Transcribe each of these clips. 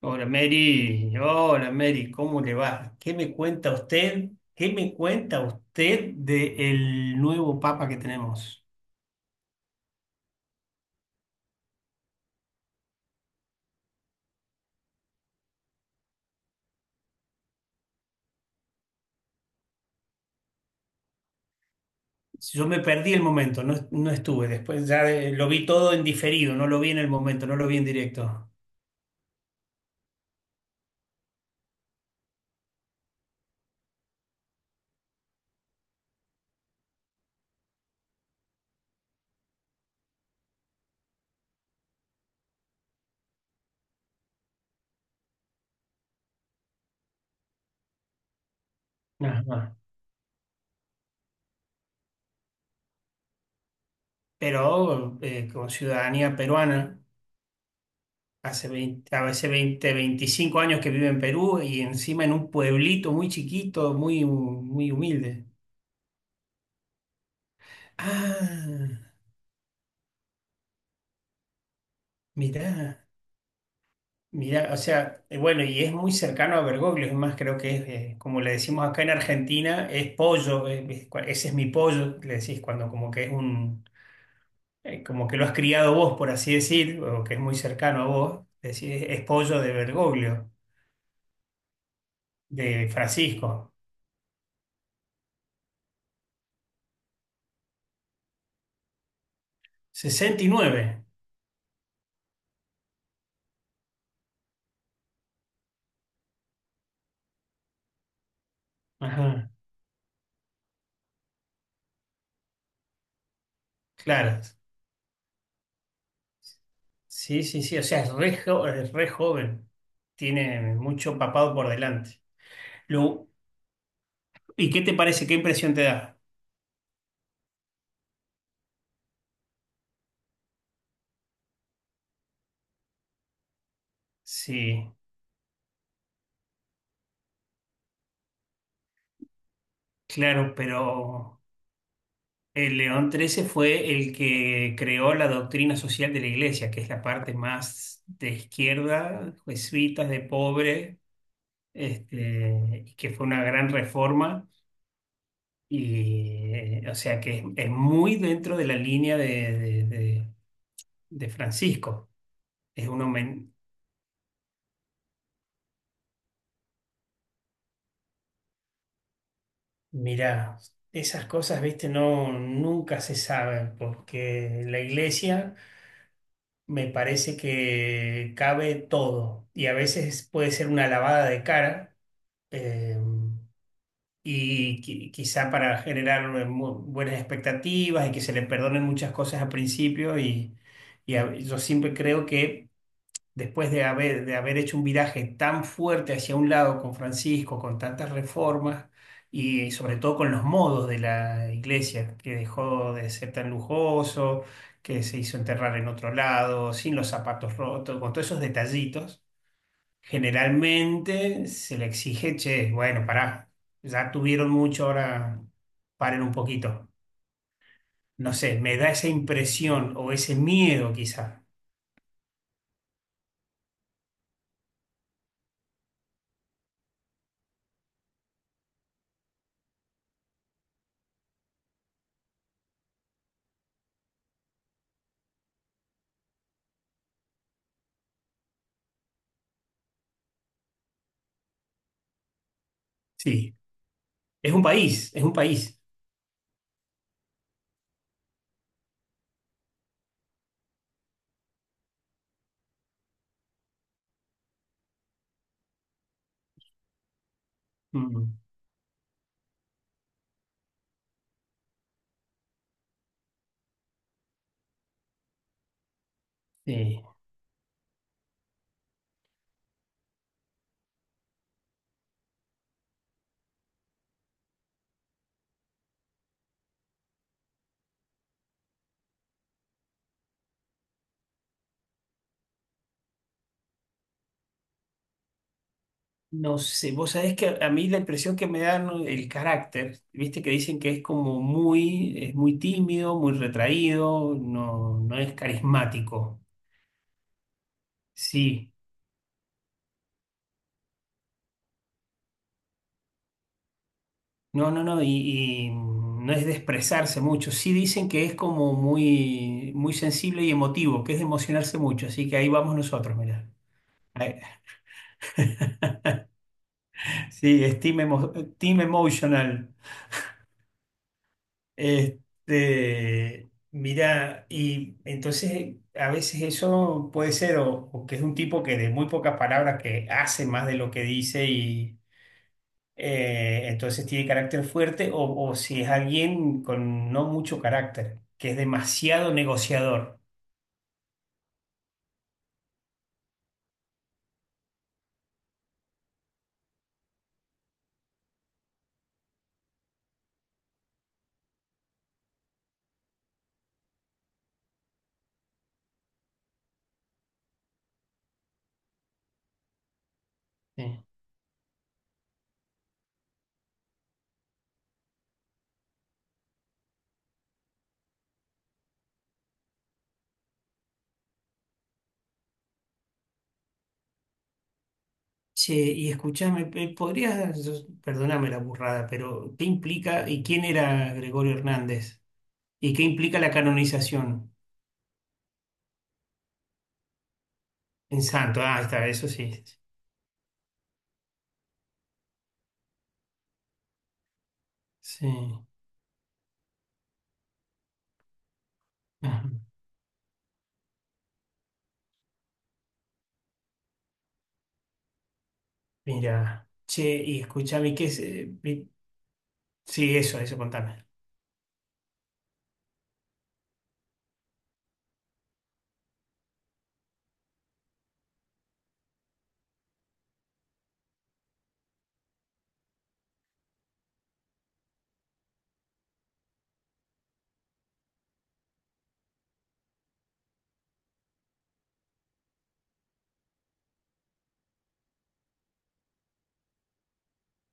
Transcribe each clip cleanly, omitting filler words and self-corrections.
Hola Mary, ¿cómo le va? ¿Qué me cuenta usted? ¿Qué me cuenta usted del nuevo Papa que tenemos? Yo me perdí el momento, no, no estuve después, ya lo vi todo en diferido, no lo vi en el momento, no lo vi en directo. Ajá. Pero con ciudadanía peruana, hace veinte, a veces 20, 25 años que vive en Perú y encima en un pueblito muy chiquito, muy, muy humilde. Ah, mirá. Mira, o sea, bueno, y es muy cercano a Bergoglio, es más, creo que es, como le decimos acá en Argentina, es pollo, ese es mi pollo, le decís cuando como que es un, como que lo has criado vos, por así decir, o que es muy cercano a vos, decís, es pollo de Bergoglio, de Francisco. Sesenta y nueve. Ajá, claro, sí, sí, sí, o sea, es re, es re joven, tiene mucho papado por delante. Lo- ¿Y qué te parece, qué impresión te da? Sí. Claro, pero el León XIII fue el que creó la doctrina social de la iglesia, que es la parte más de izquierda, jesuitas, de pobre, este, y que fue una gran reforma. Y, o sea, que es muy dentro de la línea de, de- de- de Francisco. Es uno, mira, esas cosas, viste, no, nunca se saben, porque la iglesia. Me parece que cabe todo y a veces puede ser una lavada de cara eh, y quizá para generar buenas expectativas y que se le perdonen muchas cosas al principio y, yo siempre creo que después de haber hecho un viraje tan fuerte hacia un lado con Francisco, con tantas reformas y sobre todo con los modos de la iglesia, que dejó de ser tan lujoso, que se hizo enterrar en otro lado, sin los zapatos rotos, con todos esos detallitos, generalmente se le exige, che, bueno, pará, ya tuvieron mucho, ahora paren un poquito. No sé, me da esa impresión o ese miedo quizá. Sí, es un país, es un país. Mm. Sí. No sé, vos sabés que a mí la impresión que me dan, ¿no?, el carácter, viste que dicen que es como muy, es muy tímido, muy retraído, no, no es carismático. Sí, no, no, no, y no es de expresarse mucho. Sí dicen que es como muy, muy sensible y emotivo, que es de emocionarse mucho, así que ahí vamos nosotros, mirá. Sí, es team, team emotional. Este, mira, y entonces a veces eso puede ser o que es un tipo que de muy pocas palabras que hace más de lo que dice y entonces tiene carácter fuerte o si es alguien con no mucho carácter, que es demasiado negociador. Sí. Che, y escúchame, ¿podrías, perdóname la burrada, pero qué implica y quién era Gregorio Hernández? ¿Y qué implica la canonización en santo? Ah, ahí está, eso sí. Sí. Ah, mira, che, y escúchame, ¿qué es? Sí, eso, contame.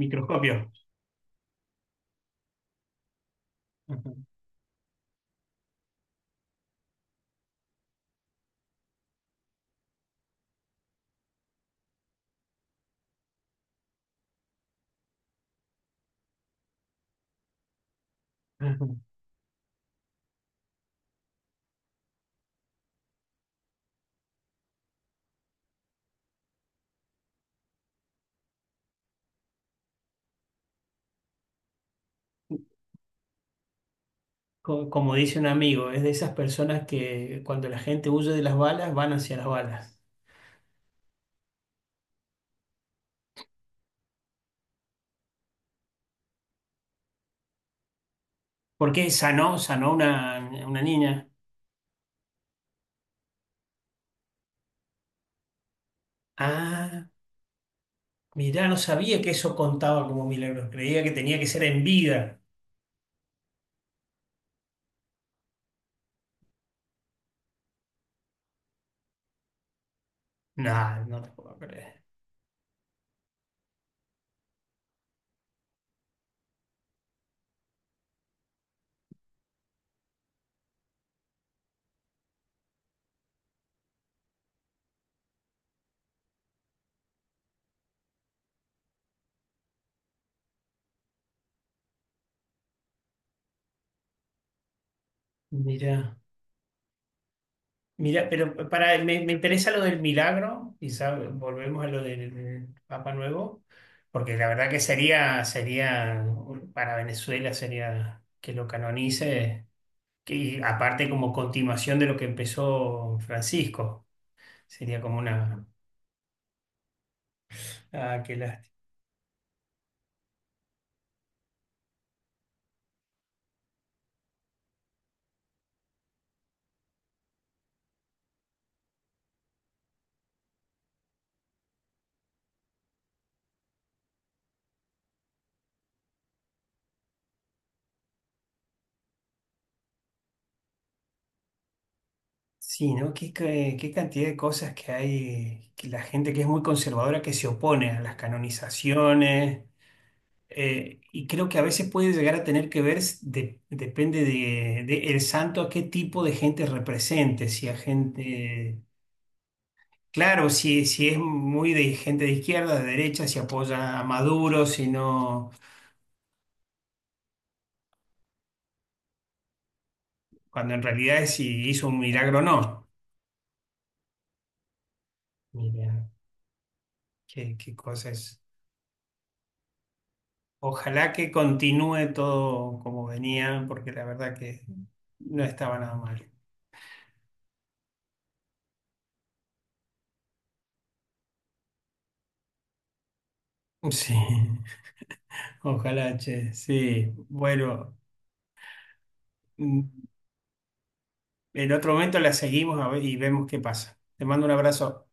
Microscopio. Ajá, ajá. Como dice un amigo, es de esas personas que cuando la gente huye de las balas, van hacia las balas. ¿Por qué sanó, sanó una niña? Ah, mirá, no sabía que eso contaba como milagros. Creía que tenía que ser en vida. No, no te puedo creer. Mirá. Mira, pero para, me interesa lo del milagro, quizá volvemos a lo del Papa Nuevo, porque la verdad que sería, sería, para Venezuela sería que lo canonice, que, y aparte como continuación de lo que empezó Francisco, sería como una... Ah, qué lástima. Sí, ¿no? Qué, qué, qué cantidad de cosas que hay, que la gente que es muy conservadora que se opone a las canonizaciones. Y creo que a veces puede llegar a tener que ver, depende de el santo a qué tipo de gente represente, si a gente, claro, si, si es muy de gente de izquierda, de derecha, si apoya a Maduro, si no, cuando en realidad es si hizo un milagro o no. Mira, qué, qué cosa es. Ojalá que continúe todo como venía, porque la verdad que no estaba nada mal. Sí, ojalá, che, sí. Bueno. Mm, en otro momento la seguimos a ver y vemos qué pasa. Te mando un abrazo.